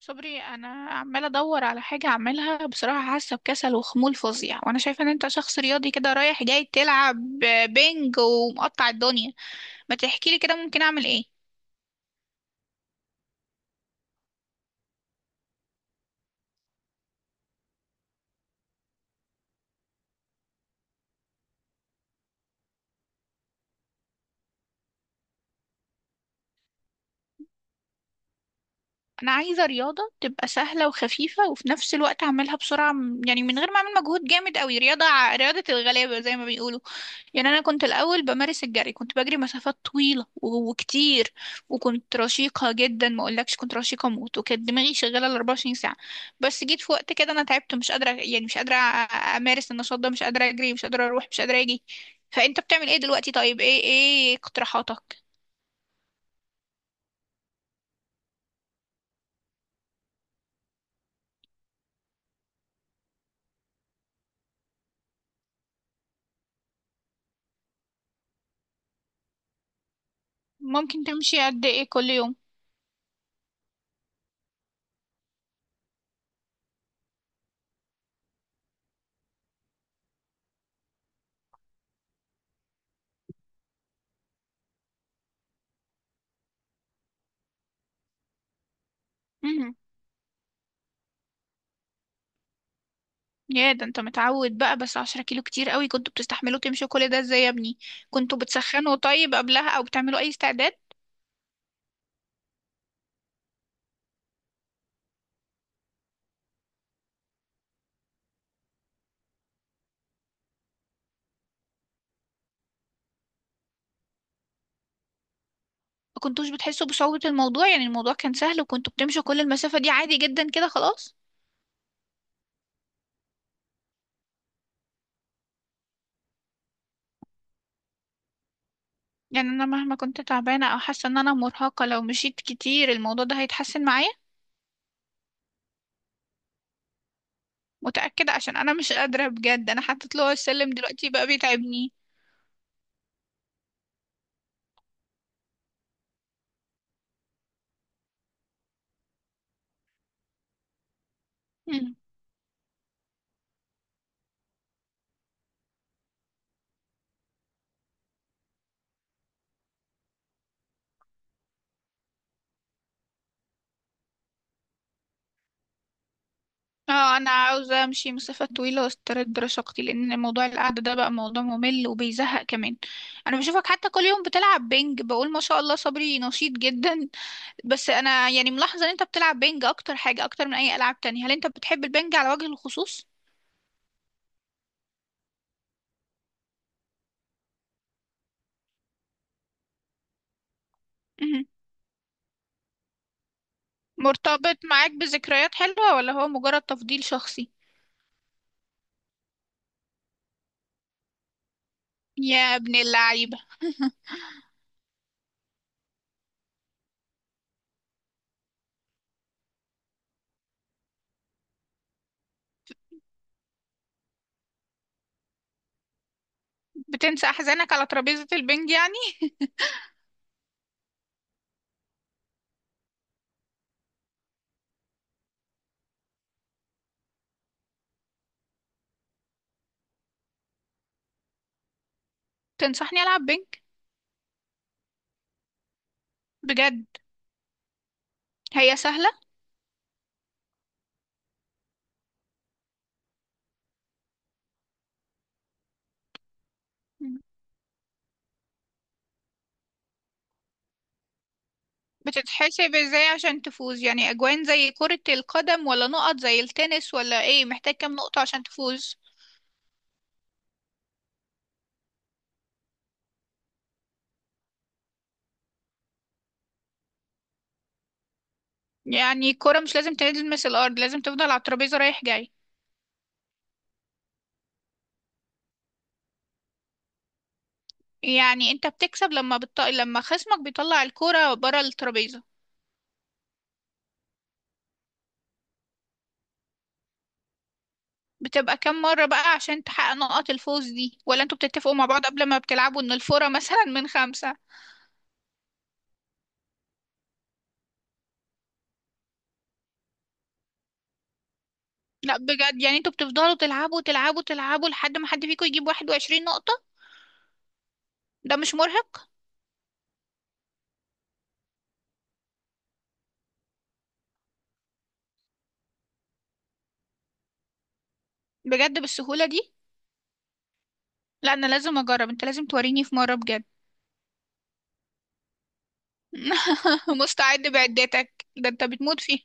صبري، انا عماله ادور على حاجه اعملها. بصراحه حاسه بكسل وخمول فظيع، وانا شايفه ان انت شخص رياضي كده رايح جاي تلعب بينج ومقطع الدنيا. ما تحكي لي كده ممكن اعمل ايه؟ انا عايزه رياضه تبقى سهله وخفيفه وفي نفس الوقت اعملها بسرعه، يعني من غير ما اعمل مجهود جامد قوي، رياضه رياضه الغلابه زي ما بيقولوا. يعني انا كنت الاول بمارس الجري، كنت بجري مسافات طويله و- وكتير، وكنت رشيقه جدا، ما اقولكش كنت رشيقه موت، وكانت دماغي شغاله ال 24 ساعه. بس جيت في وقت كده انا تعبت مش قادره، يعني مش قادره امارس النشاط ده، مش قادره اجري، مش قادره اروح، مش قادره اجي. فانت بتعمل ايه دلوقتي؟ طيب ايه اقتراحاتك؟ ممكن تمشي قد ايه كل يوم؟ امم. يا ده انت متعود بقى، بس 10 كيلو كتير قوي، كنتوا بتستحملوا تمشوا كل ده ازاي يا ابني؟ كنتوا بتسخنوا طيب قبلها او بتعملوا اي استعداد؟ ما كنتوش بتحسوا بصعوبة الموضوع؟ يعني الموضوع كان سهل وكنتوا بتمشوا كل المسافة دي عادي جدا كده خلاص؟ يعني انا مهما كنت تعبانة او حاسة ان انا مرهقة، لو مشيت كتير الموضوع ده هيتحسن معايا؟ متأكدة؟ عشان انا مش قادرة بجد، انا حطيت له السلم دلوقتي بقى بيتعبني. مم. اه انا عاوزة امشي مسافة طويلة واسترد رشاقتي، لان موضوع القعدة ده بقى موضوع ممل وبيزهق كمان. انا بشوفك حتى كل يوم بتلعب بينج، بقول ما شاء الله صبري نشيط جدا. بس انا يعني ملاحظه ان انت بتلعب بينج اكتر حاجه، اكتر من اي العاب تانية. هل انت بتحب البينج على وجه الخصوص؟ مهم. مرتبط معاك بذكريات حلوه ولا هو مجرد تفضيل شخصي؟ يا ابن اللعيبه! بتنسى احزانك على ترابيزه البينج يعني؟ تنصحني العب بينج؟ بجد؟ هي سهله؟ مم. بتتحسب ازاي عشان تفوز؟ يعني اجوان زي كره القدم ولا نقط زي التنس ولا ايه؟ محتاج كام نقطه عشان تفوز؟ يعني الكره مش لازم تلمس الارض، لازم تفضل على الترابيزه رايح جاي؟ يعني انت بتكسب لما لما خصمك بيطلع الكرة بره الترابيزة؟ بتبقى كام مرة بقى عشان تحقق نقط الفوز دي؟ ولا انتوا بتتفقوا مع بعض قبل ما بتلعبوا ان الفورة مثلا من خمسة؟ لا بجد، يعني انتوا بتفضلوا تلعبوا تلعبوا تلعبوا لحد ما حد فيكم يجيب 21 نقطة؟ ده مش مرهق؟ بجد بالسهولة دي؟ لا انا لازم اجرب، انت لازم توريني في مرة بجد. مستعد بعدتك، ده انت بتموت فيه.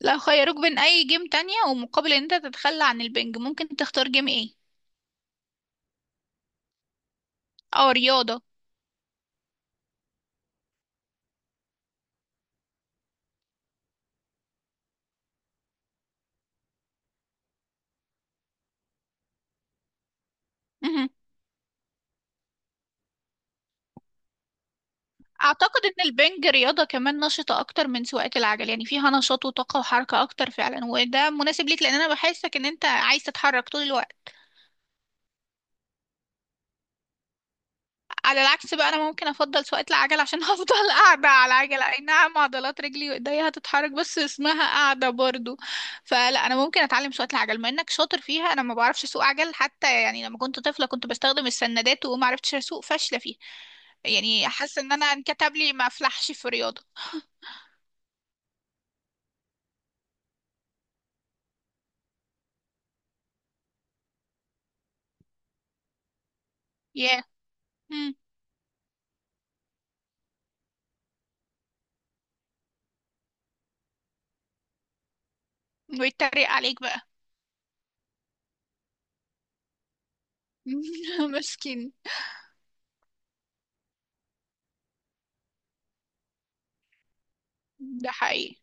لو خيروك بين اي جيم تانية ومقابل ان انت تتخلى عن البنج، ممكن تختار جيم ايه؟ اه، رياضة. اعتقد ان البنج رياضة كمان نشطة اكتر من سواقة العجل، يعني فيها نشاط وطاقة وحركة اكتر فعلا، وده مناسب ليك لان انا بحسك ان انت عايز تتحرك طول الوقت. على العكس بقى انا ممكن افضل سواقة العجل، عشان هفضل قاعدة على العجلة، اي نعم عضلات رجلي وايديا هتتحرك، بس اسمها قاعدة برضو. فلا انا ممكن اتعلم سواقة العجل، ما انك شاطر فيها. انا ما بعرفش اسوق عجل حتى، يعني لما كنت طفلة كنت بستخدم السندات وما عرفتش اسوق، فاشلة فيها. يعني حاسة ان انا انكتب لي ما افلحش في الرياضة. ياه. yeah. ويتريق عليك بقى. مسكين. ده حقيقي.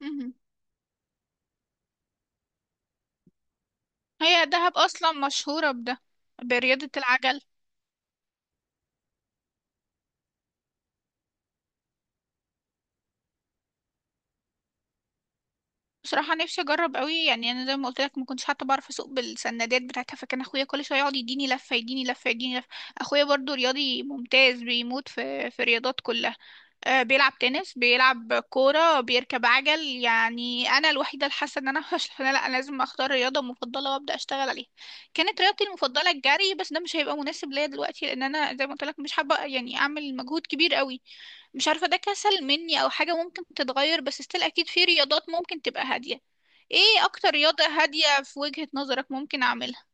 مهم. هي دهب اصلا مشهوره بده، برياضه العجل. بصراحه نفسي اجرب قوي، يعني انا زي ما قلت لك ما كنتش حتى بعرف اسوق بالسندات بتاعتها، فكان اخويا كل شويه يقعد يديني لفه يديني لفه يديني لفه. اخويا برضو رياضي ممتاز، بيموت في الرياضات كلها. آه، بيلعب تنس بيلعب كورة بيركب عجل، يعني أنا الوحيدة اللي حاسة إن أنا مش. أنا لأ، أنا لازم أختار رياضة مفضلة وأبدأ أشتغل عليها. كانت رياضتي المفضلة الجري، بس ده مش هيبقى مناسب ليا دلوقتي، لأن أنا زي ما قلت لك مش حابة يعني أعمل مجهود كبير قوي. مش عارفة ده كسل مني أو حاجة ممكن تتغير، بس استيل أكيد في رياضات ممكن تبقى هادية. إيه أكتر رياضة هادية في وجهة نظرك ممكن أعملها؟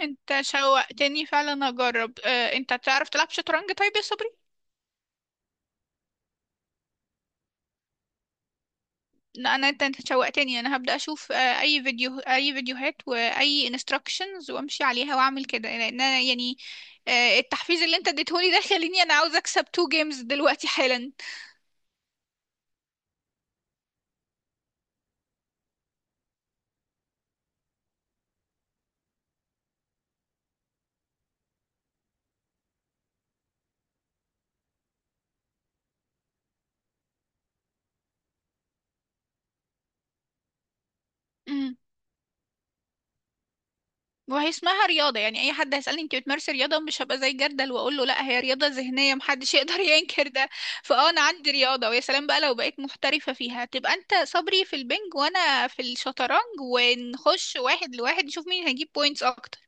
أنت شوقتني فعلا أجرب. أه أنت تعرف تلعب شطرنج طيب يا صبري؟ لا انا، انت شوقتني، انا هبدأ اشوف آه، اي فيديو اي فيديوهات واي انستراكشنز، وامشي عليها واعمل كده لان انا يعني، آه، التحفيز اللي انت اديتهولي ده خليني انا عاوزه اكسب تو جيمز دلوقتي حالا. امم. وهي اسمها رياضه، يعني اي حد هيسالني انت بتمارسي رياضه مش هبقى زي جردل واقول له لا، هي رياضه ذهنيه محدش يقدر ينكر ده. فاه انا عندي رياضه، ويا سلام بقى لو بقيت محترفه فيها، تبقى انت صبري في البنج وانا في الشطرنج، ونخش واحد لواحد نشوف مين هيجيب بوينتس اكتر.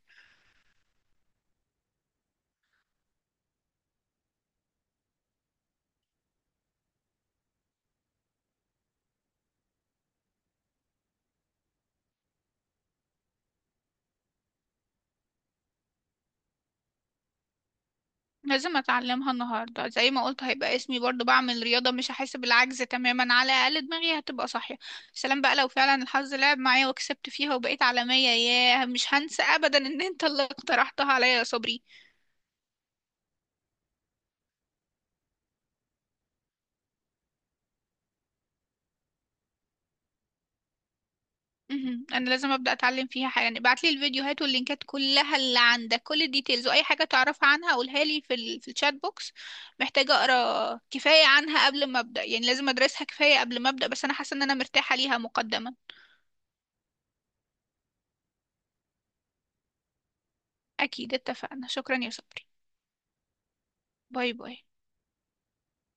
لازم اتعلمها النهارده زي ما قلت، هيبقى اسمي برضو بعمل رياضه، مش هحس بالعجز تماما، على الاقل دماغي هتبقى صاحيه. سلام بقى لو فعلا الحظ لعب معايا وكسبت فيها وبقيت عالميه، ياه مش هنسى ابدا ان انت اللي اقترحتها عليا يا صبري. مهم. انا لازم ابدا اتعلم فيها حاجه، يعني ابعت لي الفيديوهات واللينكات كلها اللي عندك، كل الديتيلز واي حاجه تعرفها عنها قولها لي في في الشات بوكس. محتاجه اقرا كفايه عنها قبل ما ابدا، يعني لازم ادرسها كفايه قبل ما ابدا، بس انا حاسه ان انا مرتاحه ليها مقدما. اكيد اتفقنا. شكرا يا صبري. باي باي.